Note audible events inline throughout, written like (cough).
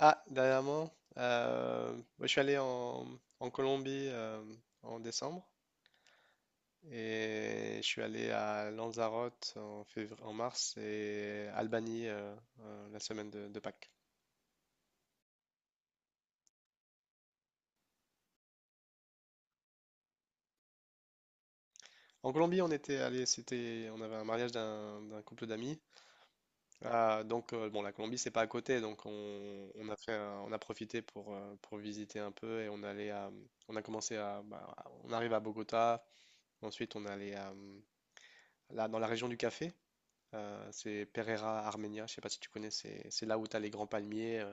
Ah, dernièrement, euh, moi, je suis allé en Colombie en décembre et je suis allé à Lanzarote en février, en mars et Albanie la semaine de Pâques. En Colombie, on était allé, c'était, on avait un mariage d'un couple d'amis. Ah, donc bon, la Colombie c'est pas à côté, donc on a fait, on a profité pour visiter un peu et on a commencé à, bah, on arrive à Bogota, ensuite on allait à, là dans la région du café. C'est Pereira Armenia, je sais pas si tu connais, c'est là où tu as les grands palmiers. euh,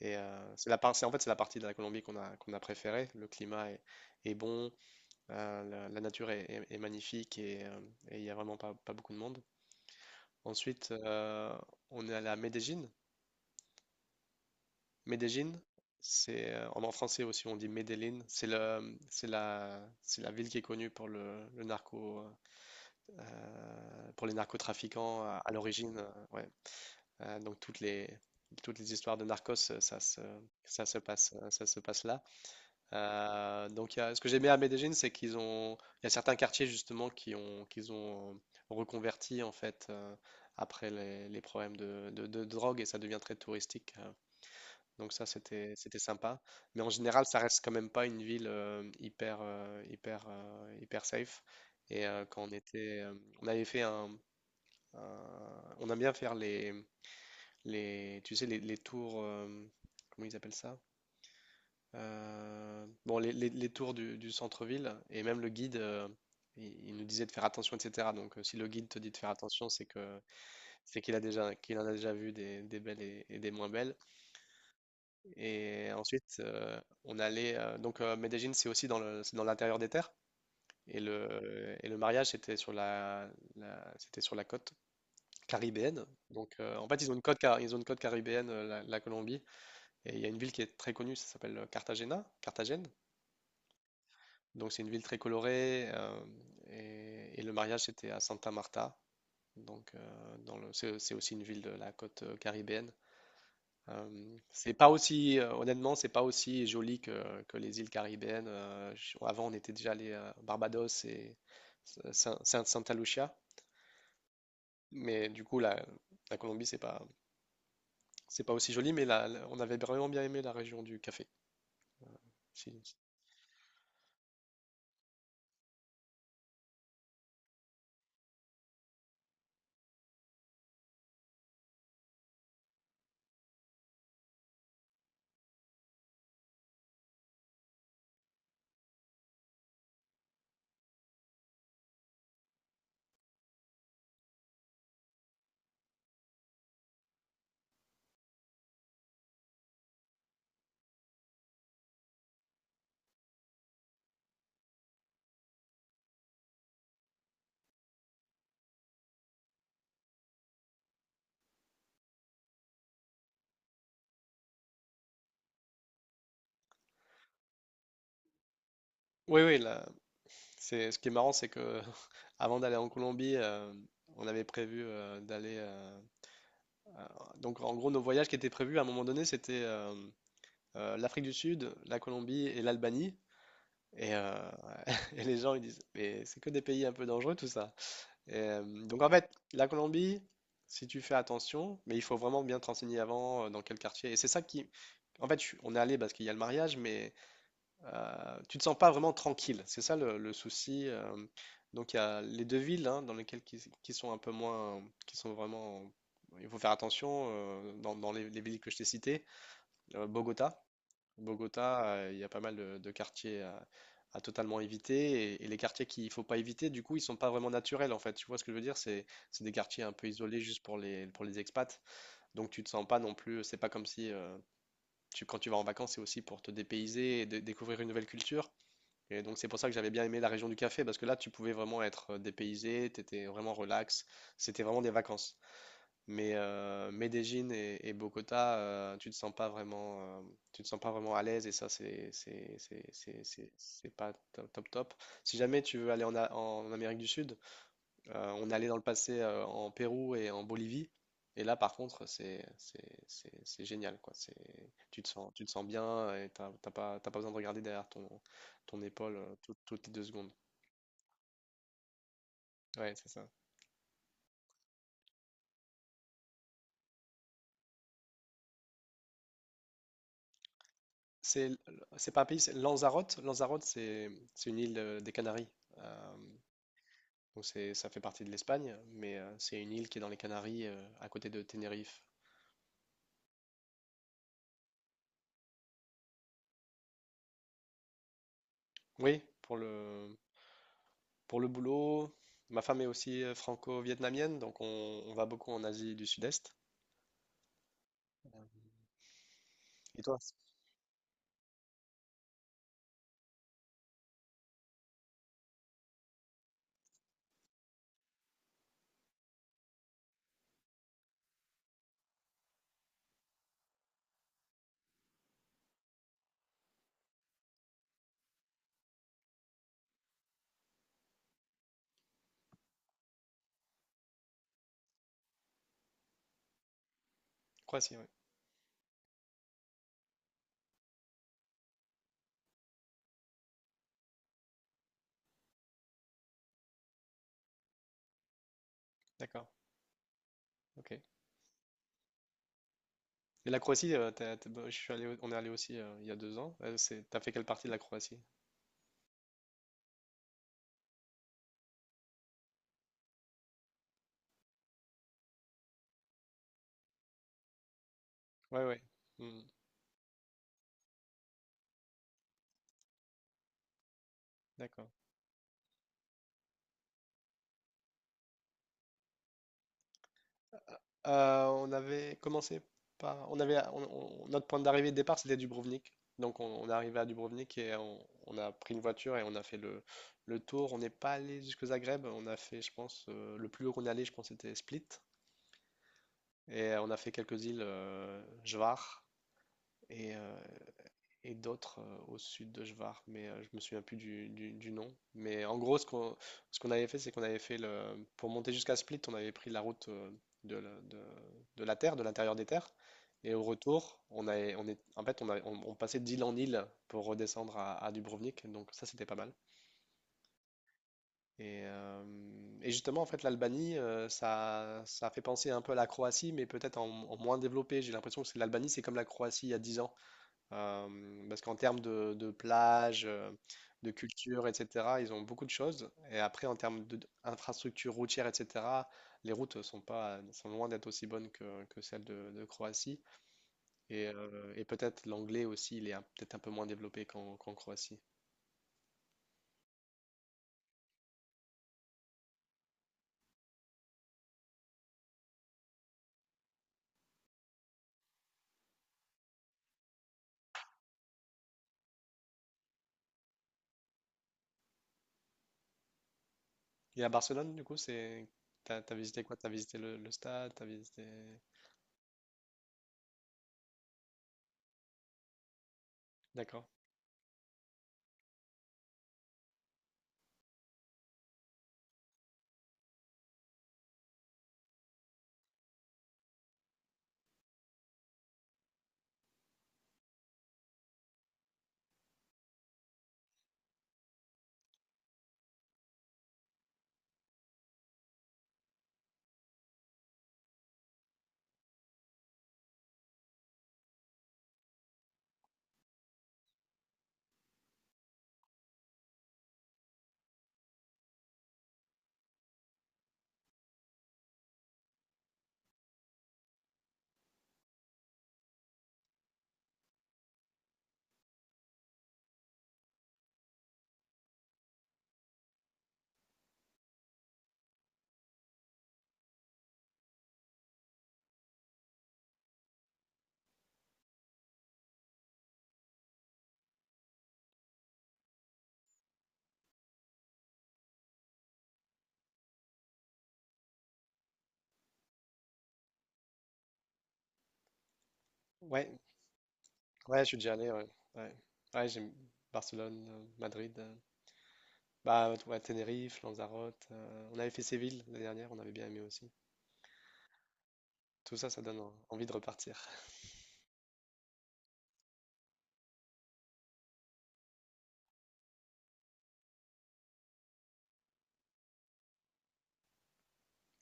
et euh, c'est la par- c'est- en fait, c'est la partie de la Colombie qu'on a préférée. Le climat est bon, la nature est magnifique et il n'y a vraiment pas beaucoup de monde. Ensuite, on est allé à Medellín. Medellín, c'est en français aussi, on dit Medellín. C'est la ville qui est connue pour le narco, pour les narcotrafiquants à l'origine. Ouais. Donc toutes les histoires de Narcos, ça se passe là. Donc, ce que j'aimais à Medellín, il y a certains quartiers justement qu'ils ont reconverti en fait après les problèmes de drogue et ça devient très touristique. Donc ça, c'était sympa. Mais en général, ça reste quand même pas une ville hyper, hyper, hyper safe. Et quand on avait fait on aime bien faire tu sais, les tours, comment ils appellent ça? Bon, les tours du centre-ville, et même le guide, il nous disait de faire attention, etc. Donc, si le guide te dit de faire attention, c'est qu'il en a déjà vu des belles et des moins belles. Et ensuite, on allait, donc Medellín, c'est aussi c'est dans l'intérieur des terres. Et le mariage, c'était sur la côte caribéenne. Donc, en fait, ils ont ils ont une côte caribéenne, la Colombie. Et il y a une ville qui est très connue, ça s'appelle Cartagena, Carthagène. Donc c'est une ville très colorée, et le mariage c'était à Santa Marta. Donc dans le, c'est aussi une ville de la côte caribéenne. C'est pas aussi, Honnêtement, c'est pas aussi joli que les îles caribéennes. Avant on était déjà allé à Barbados et Santa Lucia, mais du coup la Colombie c'est pas aussi joli, mais on avait vraiment bien aimé la région du café. Si. Oui, oui. Ce qui est marrant, c'est que (laughs) avant d'aller en Colombie, on avait prévu d'aller. À- donc, en gros, nos voyages qui étaient prévus à un moment donné, c'était l'Afrique du Sud, la Colombie et l'Albanie. Et, euh, (laughs) et les gens, ils disent, mais c'est que des pays un peu dangereux, tout ça. Donc, en fait, la Colombie, si tu fais attention, mais il faut vraiment bien te renseigner avant, dans quel quartier. Et c'est ça qui. En fait, on est allé parce qu'il y a le mariage, mais tu ne te sens pas vraiment tranquille, c'est ça le souci. Donc il y a les deux villes hein, dans lesquelles qui sont un peu moins, qui sont vraiment, il faut faire attention, dans les villes que je t'ai citées. Bogota, il y a pas mal de quartiers à totalement éviter et les quartiers qu'il faut pas éviter, du coup ils sont pas vraiment naturels en fait. Tu vois ce que je veux dire? C'est des quartiers un peu isolés juste pour les expats. Donc tu te sens pas non plus, c'est pas comme si quand tu vas en vacances, c'est aussi pour te dépayser et découvrir une nouvelle culture. Et donc c'est pour ça que j'avais bien aimé la région du café, parce que là tu pouvais vraiment être dépaysé, t'étais vraiment relax, c'était vraiment des vacances. Mais Medellín et Bogota, tu te sens pas vraiment à l'aise et ça c'est pas top top top. Si jamais tu veux aller en Amérique du Sud, on allait dans le passé en Pérou et en Bolivie. Et là, par contre, c'est génial, quoi. C'est, tu te sens bien et t'as pas besoin de regarder derrière ton épaule toutes les 2 secondes. Ouais, c'est ça. C'est l- c'est pas un pays, c'est Lanzarote. Lanzarote, c'est une île des Canaries. Euh, donc ça fait partie de l'Espagne, mais c'est une île qui est dans les Canaries, à côté de Tenerife. Oui, pour le boulot, ma femme est aussi franco-vietnamienne, donc on va beaucoup en Asie du Sud-Est. Euh, Et toi? Croatie, oui. D'accord. Ok. Et la Croatie, bah, je suis allé, au- on est allé aussi il y a 2 ans. T'as fait quelle partie de la Croatie? Ouais, ouais. Hmm, d'accord. On avait commencé par, on avait, on- notre point d'arrivée de départ, c'était Dubrovnik. Donc on est arrivé à Dubrovnik et on a pris une voiture et on a fait le tour. On n'est pas allé jusque Zagreb. On a fait, je pense, le plus haut qu'on est allé, je pense, c'était Split. Et on a fait quelques îles, Hvar et, euh, et d'autres au sud de Hvar, mais je me souviens plus du nom. Mais en gros, ce qu'on avait fait, c'est qu'on avait fait pour monter jusqu'à Split, on avait pris la route de, la de- de la terre, de l'intérieur des terres. Et au retour, on avait, on est, en fait, on passait d'île en île pour redescendre à Dubrovnik, donc ça c'était pas mal. Et, euh, et justement, en fait, l'Albanie, ça fait penser un peu à la Croatie, mais peut-être en moins développé. J'ai l'impression que l'Albanie, c'est comme la Croatie il y a 10 ans. Parce qu'en termes de plage, de culture, etc., ils ont beaucoup de choses. Et après, en termes d'infrastructures routières, etc., les routes sont pas, sont loin d'être aussi bonnes que celles de Croatie. Et peut-être l'anglais aussi, il est peut-être un peu moins développé qu'en Croatie. Et à Barcelone, du coup. C'est. T'as visité quoi? T'as visité le stade, t'as visité. D'accord. Ouais, ouais, je suis déjà allé, ouais. Ouais, ouais, j'aime Barcelone, Madrid. Bah, ouais, Tenerife, Lanzarote. On avait fait Séville l'année dernière, on avait bien aimé aussi. Tout ça, ça donne envie de repartir.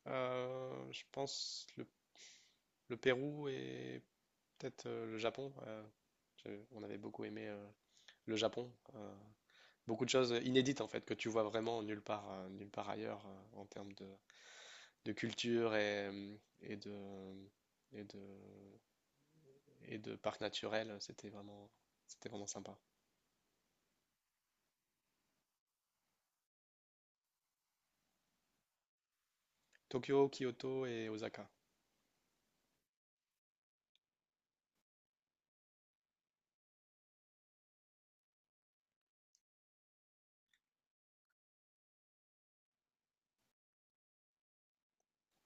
Je pense le Pérou et peut-être le Japon. On avait beaucoup aimé le Japon. Beaucoup de choses inédites en fait que tu vois vraiment nulle part ailleurs en termes de culture et de, et de, et de parcs naturels. C'était vraiment sympa. Tokyo, Kyoto et Osaka.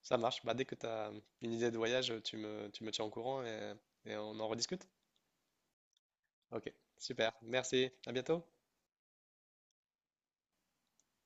Ça marche. Bah, dès que tu as une idée de voyage, tu me tiens au courant et on en rediscute. Ok, super. Merci. À bientôt.